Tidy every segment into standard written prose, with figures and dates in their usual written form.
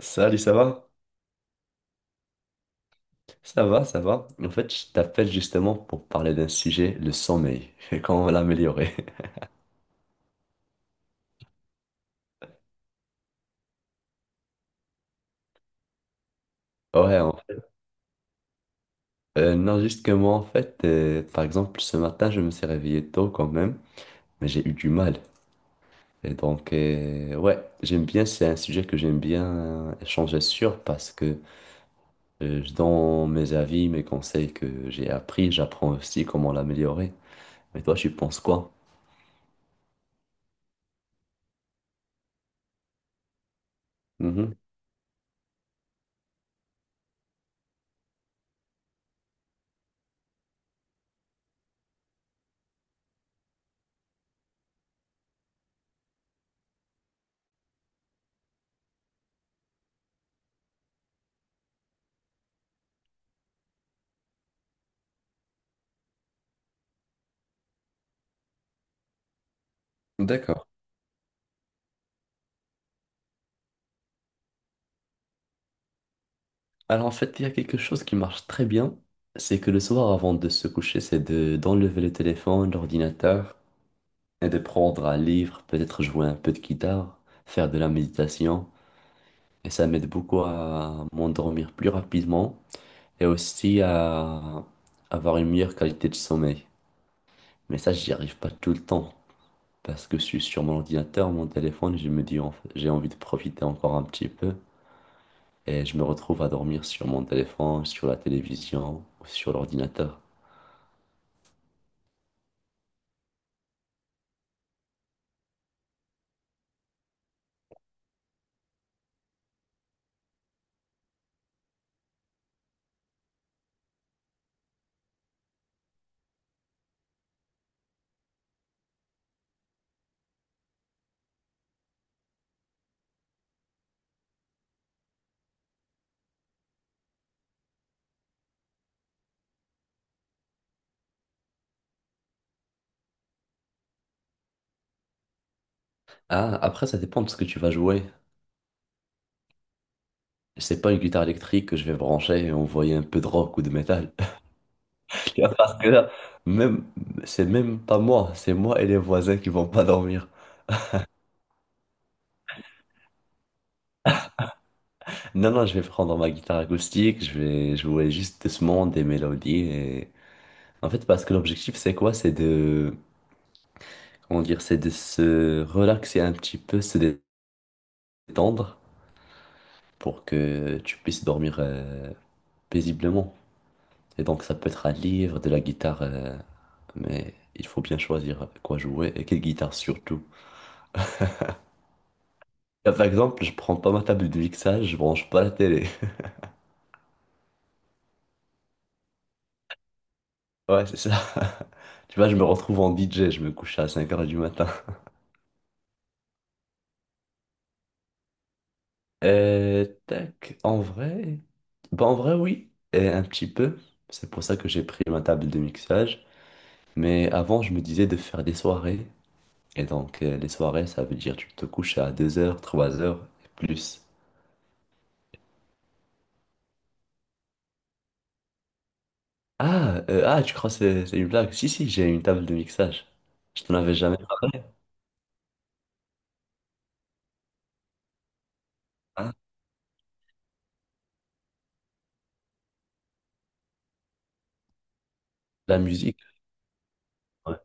Salut, ça va? Ça va, ça va. En fait, je t'appelle justement pour parler d'un sujet, le sommeil, et comment l'améliorer. Ouais, en fait. Non, juste que moi, en fait, par exemple, ce matin, je me suis réveillé tôt quand même, mais j'ai eu du mal. Et donc, ouais, j'aime bien, c'est un sujet que j'aime bien échanger sur parce que je donne mes avis, mes conseils que j'ai appris, j'apprends aussi comment l'améliorer. Mais toi, tu penses quoi? Mhm. D'accord. Alors en fait, il y a quelque chose qui marche très bien, c'est que le soir avant de se coucher, c'est de d'enlever le téléphone, l'ordinateur, et de prendre un livre, peut-être jouer un peu de guitare, faire de la méditation, et ça m'aide beaucoup à m'endormir plus rapidement, et aussi à avoir une meilleure qualité de sommeil. Mais ça, j'y arrive pas tout le temps, parce que je suis sur mon ordinateur, mon téléphone, et je me dis, en fait, j'ai envie de profiter encore un petit peu, et je me retrouve à dormir sur mon téléphone, sur la télévision, ou sur l'ordinateur. Ah, après, ça dépend de ce que tu vas jouer. C'est pas une guitare électrique que je vais brancher et envoyer un peu de rock ou de métal. Tu vois, parce que là, même, c'est même pas moi, c'est moi et les voisins qui vont pas dormir. Non, non, je vais prendre ma guitare acoustique, je vais jouer juste doucement des mélodies et... En fait, parce que l'objectif, c'est quoi? C'est de, comment dire, c'est de se relaxer un petit peu, se détendre pour que tu puisses dormir paisiblement. Et donc ça peut être un livre, de la guitare, mais il faut bien choisir avec quoi jouer et quelle guitare surtout. Là, par exemple, je prends pas ma table de mixage, je branche pas la télé. Ouais, c'est ça. Tu vois, je me retrouve en DJ, je me couche à cinq heures du matin. Tac, en vrai... Bah en vrai, oui, et un petit peu. C'est pour ça que j'ai pris ma table de mixage. Mais avant, je me disais de faire des soirées. Et donc, les soirées, ça veut dire tu te couches à deux heures, trois heures et plus. Ah, tu crois que c'est une blague? Si, si, j'ai une table de mixage. Je t'en avais jamais parlé. Hein. La musique, ouais.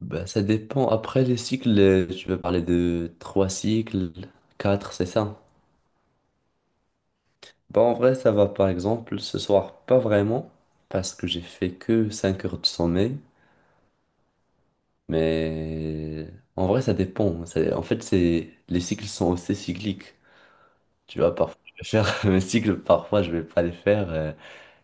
Bah, ça dépend. Après les cycles, tu veux parler de trois cycles, quatre, c'est ça? Bah, en vrai, ça va par exemple ce soir, pas vraiment, parce que j'ai fait que 5 heures de sommeil. Mais en vrai, ça dépend. En fait, c'est les cycles sont aussi cycliques. Tu vois, parfois, je vais faire mes cycles, parfois, je vais pas les faire.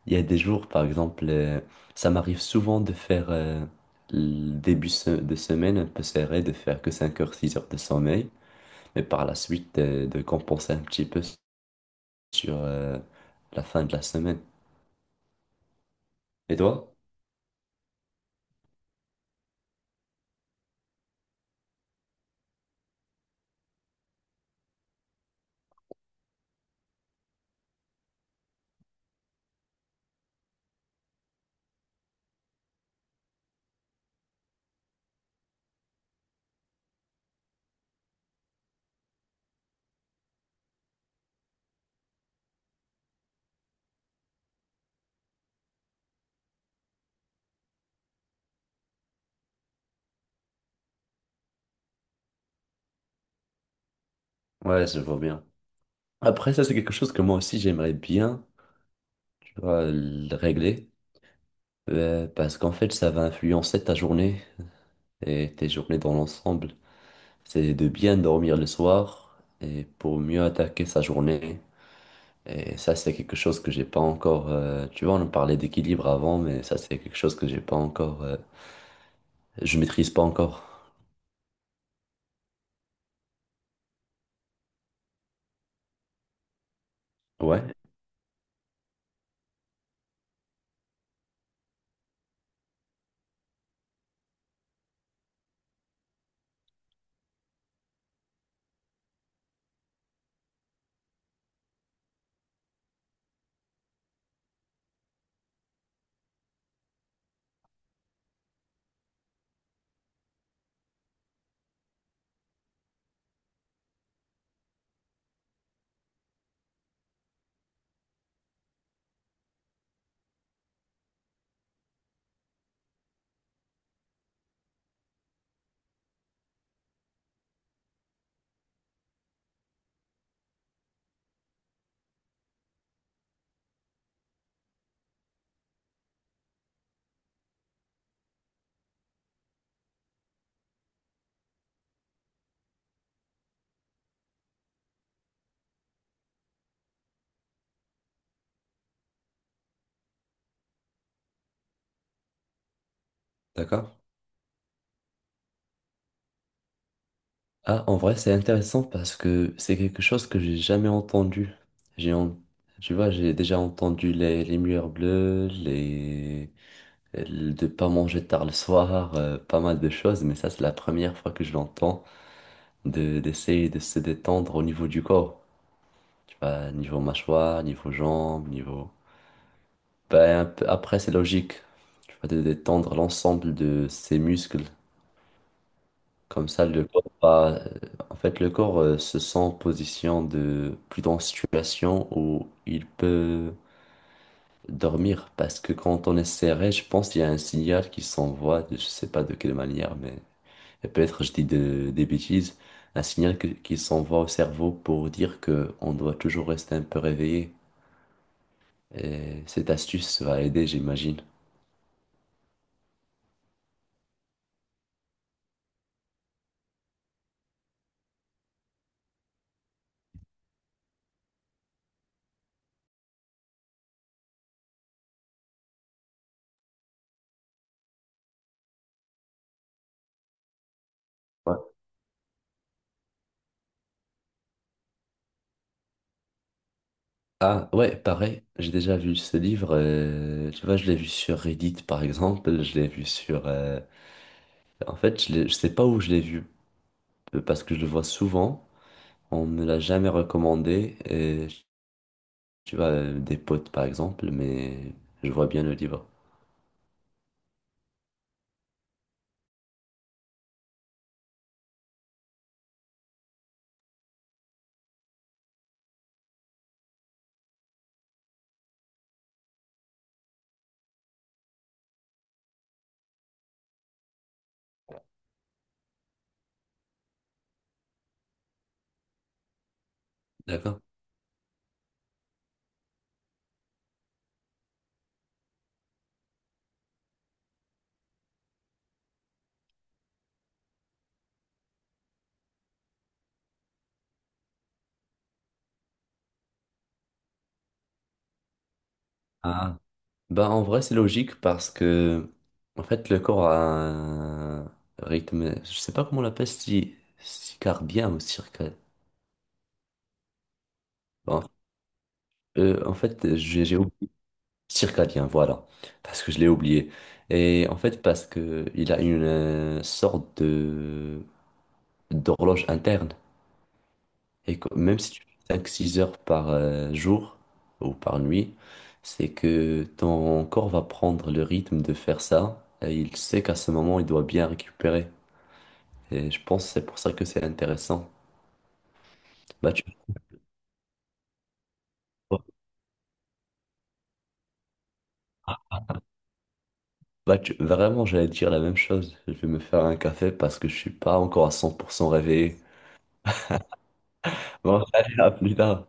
Il y a des jours, par exemple, ça m'arrive souvent de faire le début de semaine un peu serré, de faire que 5 heures, 6 heures de sommeil, mais par la suite de compenser un petit peu sur la fin de la semaine. Et toi? Ouais, je vois bien. Après, ça, c'est quelque chose que moi aussi j'aimerais bien, tu vois, le régler, parce qu'en fait, ça va influencer ta journée et tes journées dans l'ensemble. C'est de bien dormir le soir et pour mieux attaquer sa journée. Et ça, c'est quelque chose que j'ai pas encore. Tu vois, on parlait d'équilibre avant, mais ça, c'est quelque chose que j'ai pas encore. Je maîtrise pas encore. Ouais, d'accord. Ah, en vrai, c'est intéressant parce que c'est quelque chose que j'ai jamais entendu. J'ai, en- Tu vois, j'ai déjà entendu les murs bleus, de pas manger tard le soir, pas mal de choses, mais ça, c'est la première fois que je l'entends de d'essayer de se détendre au niveau du corps. Tu vois, niveau mâchoire, niveau jambes, niveau. Après, c'est logique. Tu vas te détendre l'ensemble de ses muscles. Comme ça, le corps va... En fait, le corps se sent en position de... plutôt en situation où il peut dormir. Parce que quand on est serré, je pense qu'il y a un signal qui s'envoie, je sais pas de quelle manière, mais et peut-être je dis des bêtises, un signal qui s'envoie au cerveau pour dire que on doit toujours rester un peu réveillé. Et cette astuce va aider, j'imagine. Ouais. Ah ouais, pareil, j'ai déjà vu ce livre, tu vois, je l'ai vu sur Reddit par exemple, je l'ai vu sur... En fait, je sais pas où je l'ai vu, parce que je le vois souvent, on me l'a jamais recommandé, et, tu vois, des potes par exemple, mais je vois bien le livre. D'accord. Ah. Bah en vrai, c'est logique parce que, en fait, le corps a un rythme, je sais pas comment on l'appelle, si... cardien ou circadien. Bon, en fait, j'ai oublié. Circadien, voilà. Parce que je l'ai oublié. Et en fait, parce que il a une sorte de d'horloge interne. Et que même si tu fais cinq six heures par jour ou par nuit, c'est que ton corps va prendre le rythme de faire ça. Et il sait qu'à ce moment, il doit bien récupérer. Et je pense que c'est pour ça que c'est intéressant. Bah, tu- Vraiment, j'allais dire la même chose. Je vais me faire un café parce que je suis pas encore à 100% réveillé. Bon, allez, à plus tard.